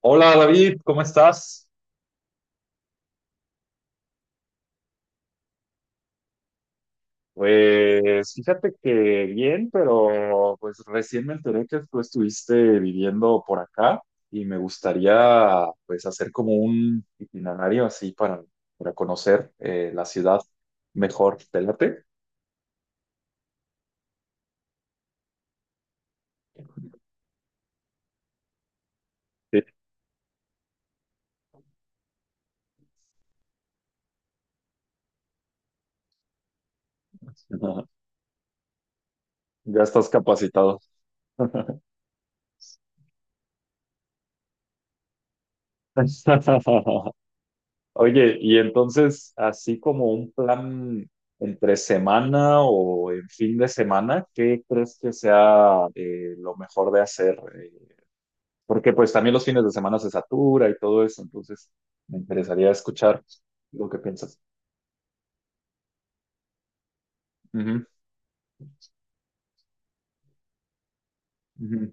Hola David, ¿cómo estás? Pues fíjate que bien, pero pues recién me enteré que tú estuviste viviendo por acá y me gustaría pues hacer como un itinerario así para conocer la ciudad mejor. ¿Te late? Sí. Ya estás capacitado. Oye, y entonces, así como un plan entre semana o en fin de semana, ¿qué crees que sea lo mejor de hacer? Porque pues también los fines de semana se satura y todo eso, entonces me interesaría escuchar lo que piensas. Ujú, ujú.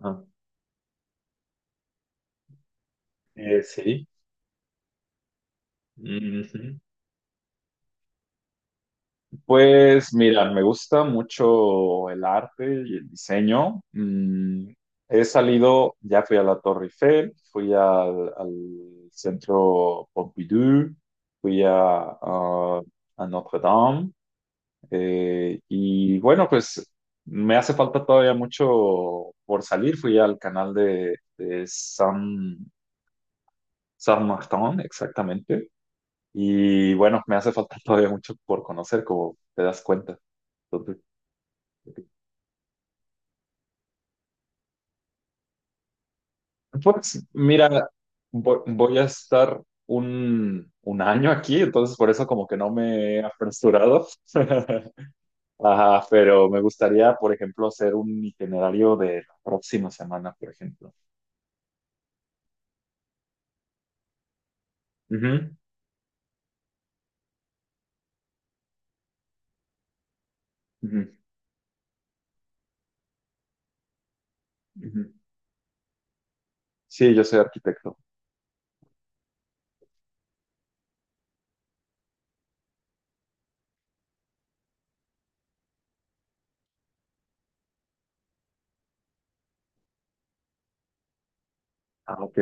Ajá. Sí. Pues mira, me gusta mucho el arte y el diseño. He salido, ya fui a la Torre Eiffel, fui al Centro Pompidou, fui a, a- a Notre Dame. Y bueno, pues me hace falta todavía mucho por salir. Fui al canal de San, San Martín, exactamente. Y bueno, me hace falta todavía mucho por conocer, como te das cuenta. Pues mira, voy a estar un año aquí, entonces por eso como que no me he apresurado. Ajá, pero me gustaría, por ejemplo, hacer un itinerario de la próxima semana, por ejemplo. Ujú, ujú, ujú. Sí, yo soy arquitecto. Ah, ok.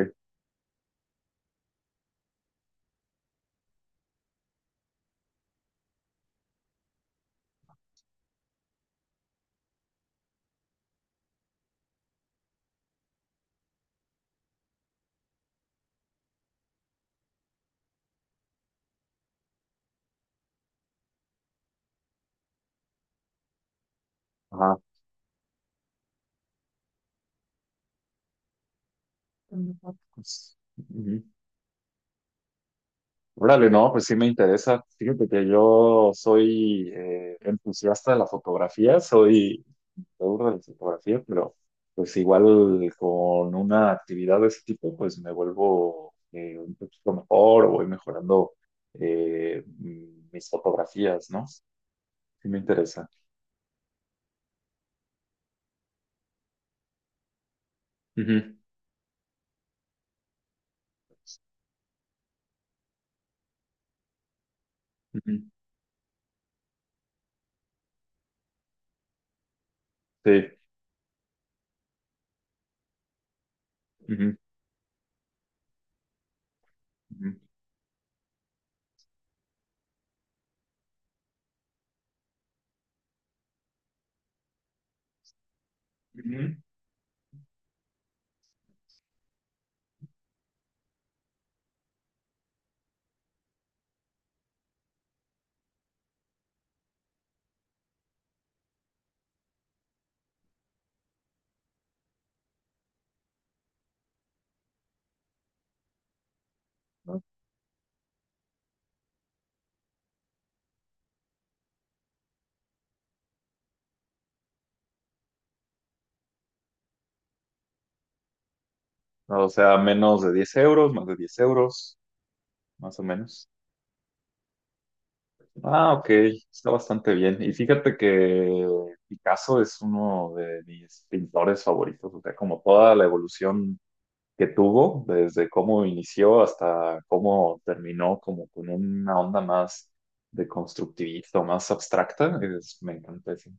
Ajá. Ujú. Pues, ujú. Órale, no, pues sí me interesa. Fíjate que yo soy entusiasta de la fotografía, soy me aburro de la fotografía, pero pues igual con una actividad de ese tipo, pues me vuelvo un poquito mejor o voy mejorando mis fotografías, ¿no? Sí me interesa. Ujú, ujú, sí. Ujú, ujú, ujú, ¿no? No, o sea, menos de 10 euros, más de 10 euros, más o menos. Ah, ok, está bastante bien. Y fíjate que Picasso es uno de mis pintores favoritos, o sea, como toda la evolución que tuvo, desde cómo inició hasta cómo terminó, como con una onda más de constructivista, o más abstracta, me encanta eso.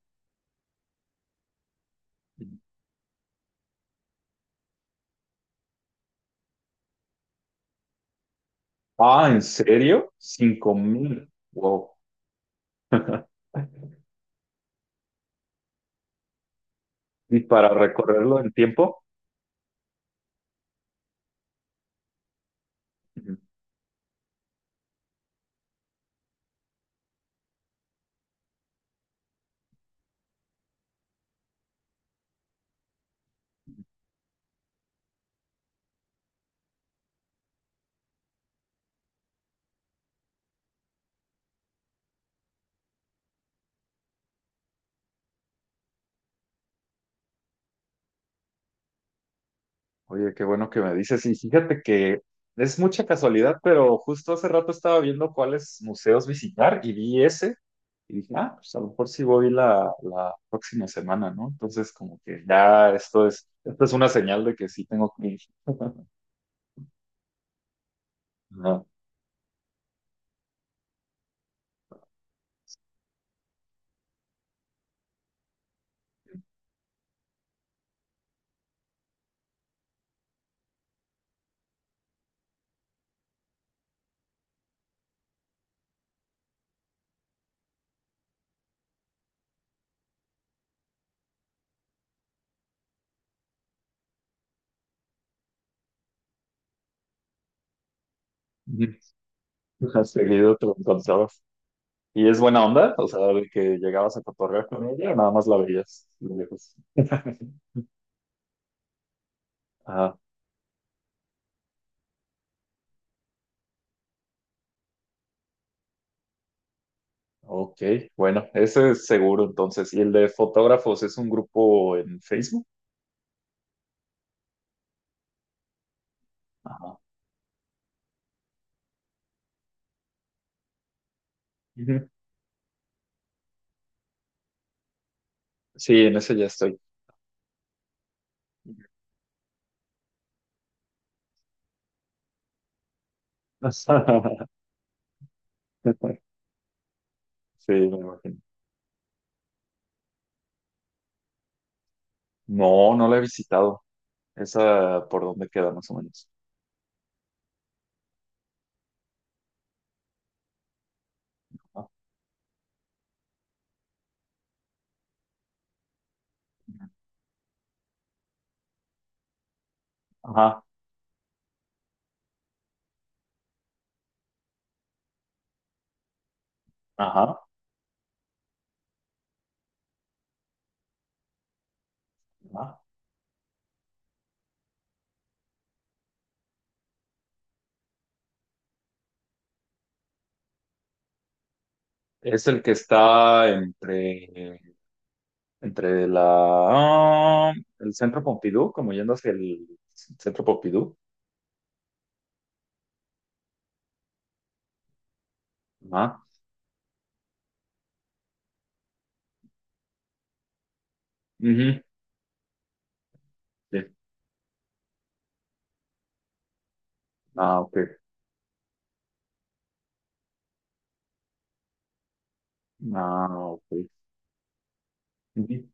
Ah, ¿en serio? 5000. Wow. ¿Y para recorrerlo en tiempo? Oye, qué bueno que me dices. Y fíjate que es mucha casualidad, pero justo hace rato estaba viendo cuáles museos visitar y vi ese. Y dije, ah, pues a lo mejor sí voy la próxima semana, ¿no? Entonces, como que ya esto es una señal de que sí tengo que ir. Ajá. Ujú. Has seguido te lo encontrabas. Y es buena onda, o sea, de que llegabas a cotorrear con ella, o nada más la veías de lejos. Ok, bueno, ese es seguro entonces. ¿Y el de fotógrafos es un grupo en Facebook? Ajá. Ujú. Sí, en ese ya estoy. Sí, me imagino. No, no la he visitado. Esa por dónde queda más o menos. Ajá, ajá, ajá. Es el que está entre ah, el Centro Pompidou, como yendo hacia el Centro Pompidou. Ajá. Ujú, sí. Ah, ok. Ah, ok. Ujú.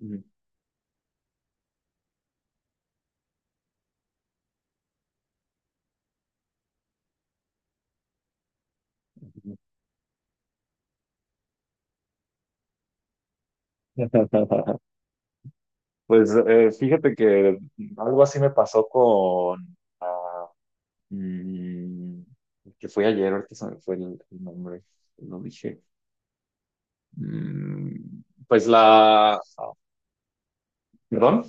Mm. Pues fíjate que algo así me pasó con mm, que fue ayer, ahorita se me fue el nombre, lo dije. Mm, pues perdón,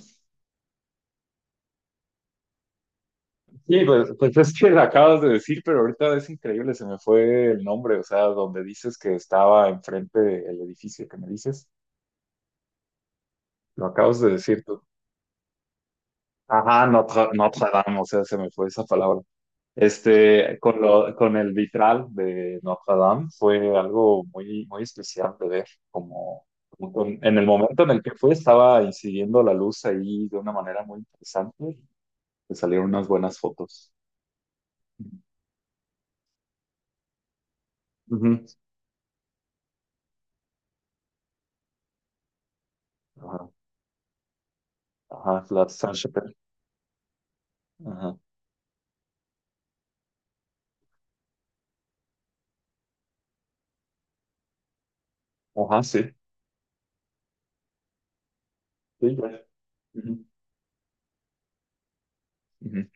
sí, pues es que la acabas de decir, pero ahorita es increíble, se me fue el nombre, o sea, donde dices que estaba enfrente del edificio que me dices, lo acabas de decir. Ajá, Notre Dame, o sea, se me fue esa palabra. Este, con el vitral de Notre Dame fue algo muy, muy especial de ver, en el momento en el que fue estaba incidiendo la luz ahí de una manera muy interesante, te salieron unas buenas fotos. Ujú. Ajá, ajá, la Sainte-Chapelle. Ajá, ajá, sí, sí, ya. Ujú, ujú,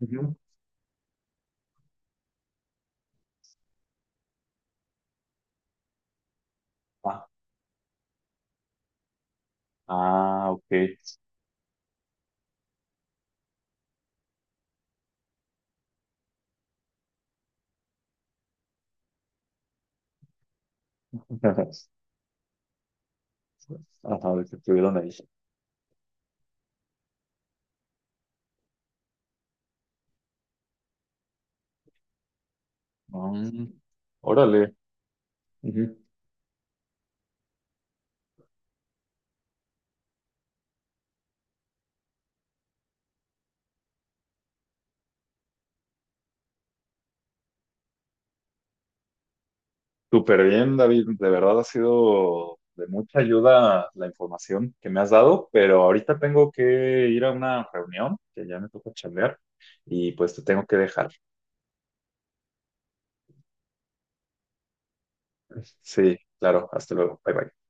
ujú. Ah, ah, ok. Ajá, lo que estuvieron ahí. Mm, órale, ujú. Súper bien, David. De verdad ha sido de mucha ayuda la información que me has dado, pero ahorita tengo que ir a una reunión que ya me toca chambear y pues te tengo que dejar. Sí, claro, hasta luego. Bye bye.